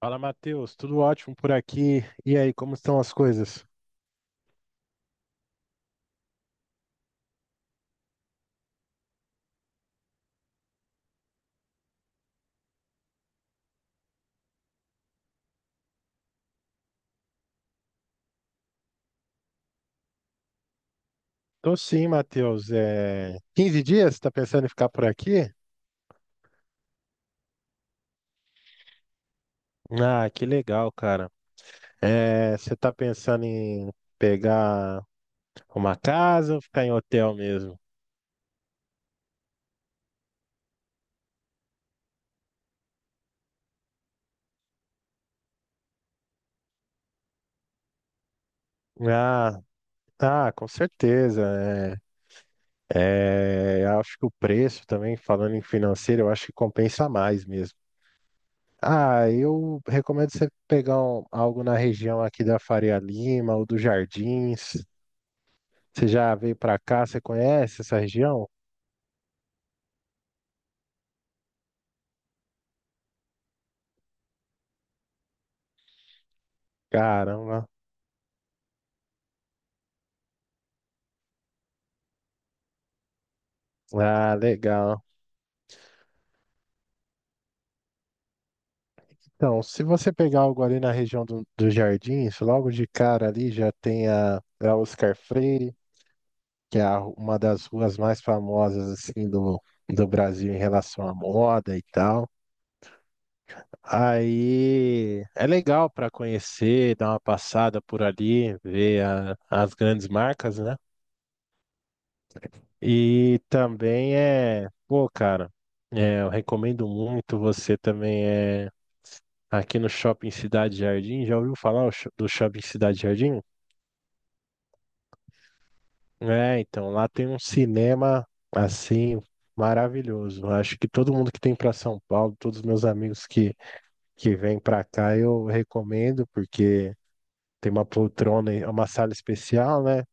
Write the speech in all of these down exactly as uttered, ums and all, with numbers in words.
Fala, Matheus, tudo ótimo por aqui. E aí, como estão as coisas? Tô sim, Matheus. É... 15 dias? Tá pensando em ficar por aqui? Ah, que legal, cara. É... Você tá pensando em pegar uma casa ou ficar em hotel mesmo? Ah, ah, com certeza. É... É... Acho que o preço também, falando em financeiro, eu acho que compensa mais mesmo. Ah, eu recomendo você pegar um- algo na região aqui da Faria Lima ou dos Jardins. Você já veio pra cá? Você conhece essa região? Caramba. Ah, legal. Então, se você pegar algo ali na região do- dos Jardins, logo de cara ali já tem a, a Oscar Freire, que é a uma das ruas mais famosas assim do, do Brasil em relação à moda e tal. Aí é legal para conhecer, dar uma passada por ali, ver a- as grandes marcas, né? E também é, pô, cara, é, eu recomendo muito você também é aqui no Shopping Cidade Jardim. Já ouviu falar o sho- do Shopping Cidade Jardim? É, então lá tem um cinema assim maravilhoso. Acho que todo mundo que tem para São Paulo, todos os meus amigos que que vêm para cá, eu recomendo porque tem uma poltrona, e- uma sala especial, né?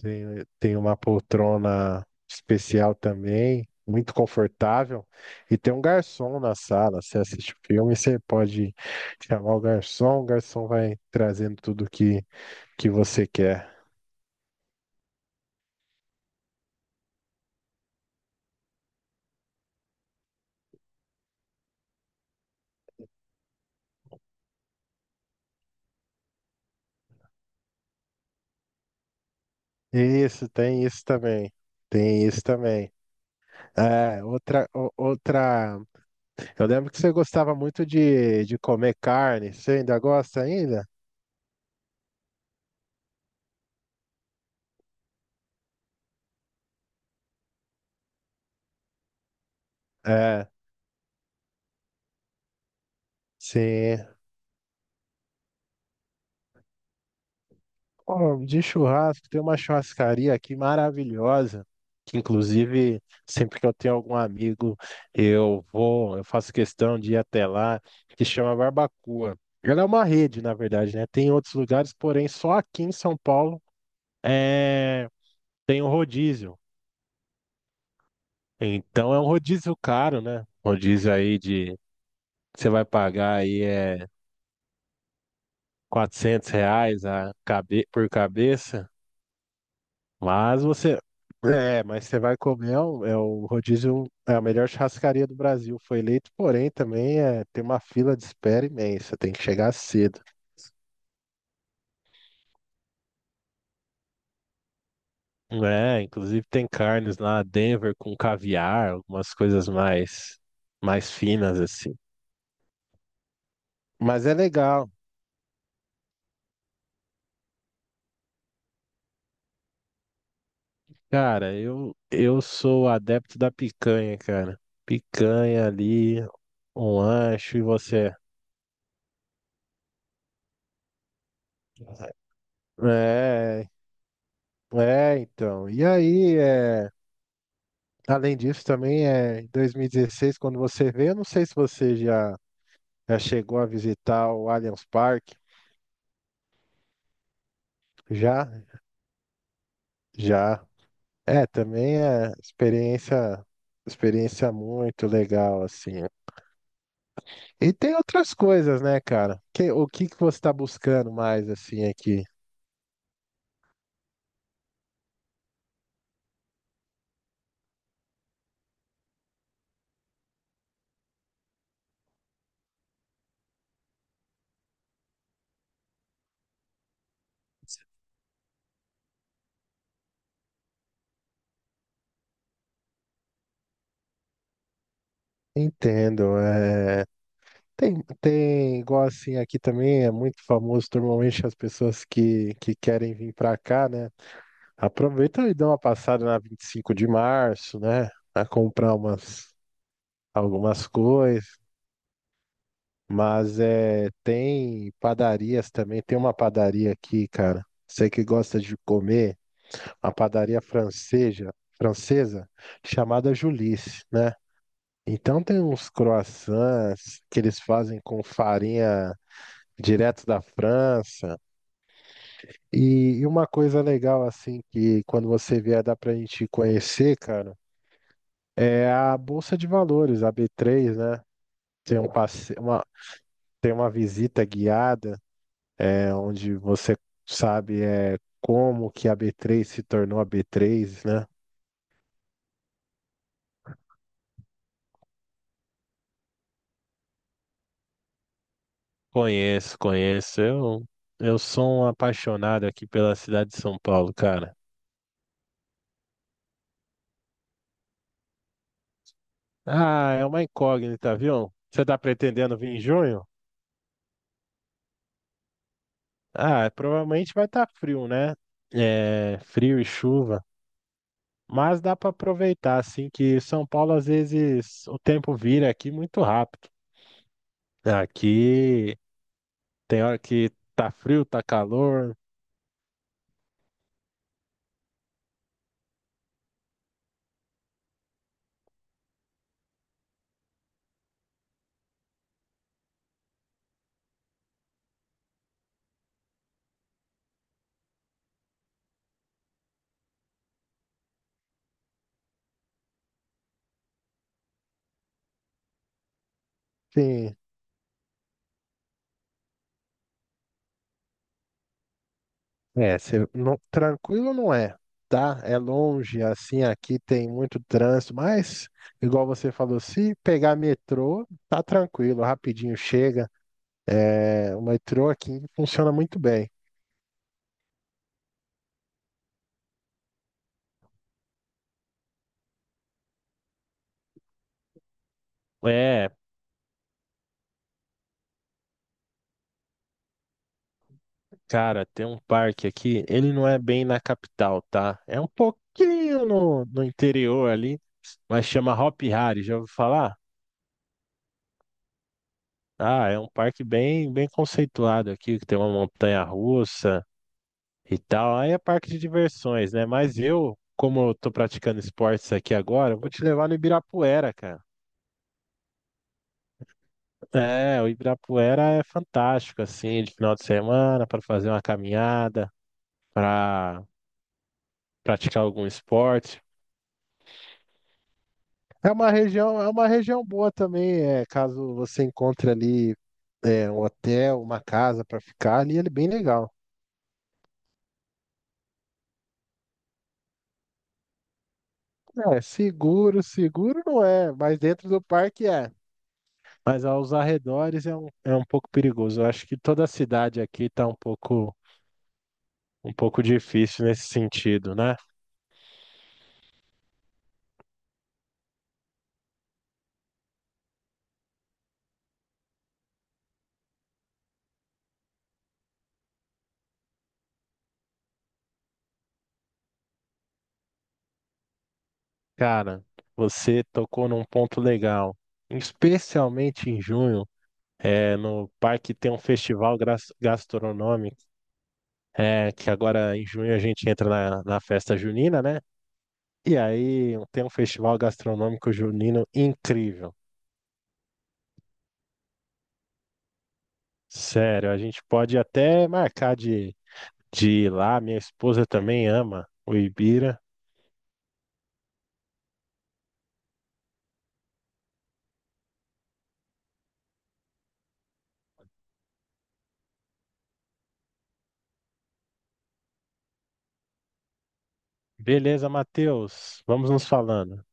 Sim, tem uma poltrona especial também, muito confortável. E tem um garçom na sala. Você assiste o filme, você pode chamar o garçom, o garçom vai trazendo tudo que, que você quer. Isso, tem isso também. Tem isso também. É, outra, o- outra. Eu lembro que você gostava muito de, de comer carne. Você ainda gosta ainda? É, sim. Ó, de churrasco, tem uma churrascaria aqui maravilhosa, que inclusive sempre que eu tenho algum amigo, eu vou, eu faço questão de ir até lá, que chama Barbacoa. Ela é uma rede, na verdade, né? Tem outros lugares, porém só aqui em São Paulo é... tem um rodízio. Então é um rodízio caro, né? Rodízio aí de, você vai pagar aí é quatrocentos reais a cabe... por cabeça. Mas você. É, mas você vai comer, é o, é o rodízio, é a melhor churrascaria do Brasil. Foi eleito, porém, também é, tem uma fila de espera imensa, tem que chegar cedo. É, inclusive tem carnes lá, Denver com caviar, algumas coisas mais, mais finas assim. Mas é legal. Cara, eu, eu sou adepto da picanha, cara. Picanha ali, um ancho e você. É, é, então. E aí, é. Além disso, também é em dois mil e dezesseis, quando você veio, eu não sei se você já, já chegou a visitar o Allianz Parque. Já, já. É, também é experiência, experiência muito legal, assim. E tem outras coisas, né, cara? Que, o que que você está buscando mais, assim, aqui? Entendo, é... Tem, tem, igual assim, aqui também é muito famoso, normalmente as pessoas que, que querem vir para cá, né? Aproveita e dá uma passada na vinte e cinco de março, né? A comprar umas, algumas coisas. Mas é, tem padarias também. Tem uma padaria aqui, cara. Você que gosta de comer, uma padaria francesa, francesa chamada Julice, né? Então tem uns croissants que eles fazem com farinha direto da França. E, e uma coisa legal, assim, que quando você vier dá pra gente conhecer, cara, É a Bolsa de Valores, a B três, né? Tem um passe... uma... Tem uma visita guiada, é, onde você sabe é, como que a B três se tornou a B três, né? Conheço, conheço. Eu, eu sou um apaixonado aqui pela cidade de São Paulo, cara. Ah, é uma incógnita, viu? Você tá pretendendo vir em junho? Ah, provavelmente vai estar frio, né? É, frio e chuva. Mas dá para aproveitar, assim, que São Paulo, às vezes, o tempo vira aqui muito rápido. Aqui tem hora que tá frio, tá calor. Sim, é, cê não- tranquilo não é, tá? É longe, assim, aqui tem muito trânsito, mas, igual você falou, se pegar metrô, tá tranquilo, rapidinho chega. É, o metrô aqui funciona muito bem. É, Cara, tem um parque aqui, ele não é bem na capital, tá? É um pouquinho no, no interior ali, mas chama Hop Hari, já ouviu falar? Ah, é um parque bem, bem conceituado aqui, que tem uma montanha russa e tal. Aí é parque de diversões, né? Mas eu, como eu tô praticando esportes aqui agora, eu vou te levar no Ibirapuera, cara. É, o Ibirapuera é fantástico, assim, de final de semana, para fazer uma caminhada, para praticar algum esporte. É uma região, é uma região boa também, é, caso você encontre ali é, um hotel, uma casa para ficar ali, ele é bem legal. É, seguro, seguro não é, mas dentro do parque é. Mas aos arredores é um, é um pouco perigoso. Eu acho que toda a cidade aqui tá um pouco, um pouco difícil nesse sentido, né? Cara, você tocou num ponto legal, especialmente em junho. É, no parque tem um festival gras- gastronômico É, que agora em junho a gente entra na, na festa junina, né? E aí tem um festival gastronômico junino incrível. Sério, a gente pode até marcar de, de ir lá. Minha esposa também ama o Ibira. Beleza, Matheus, vamos nos falando.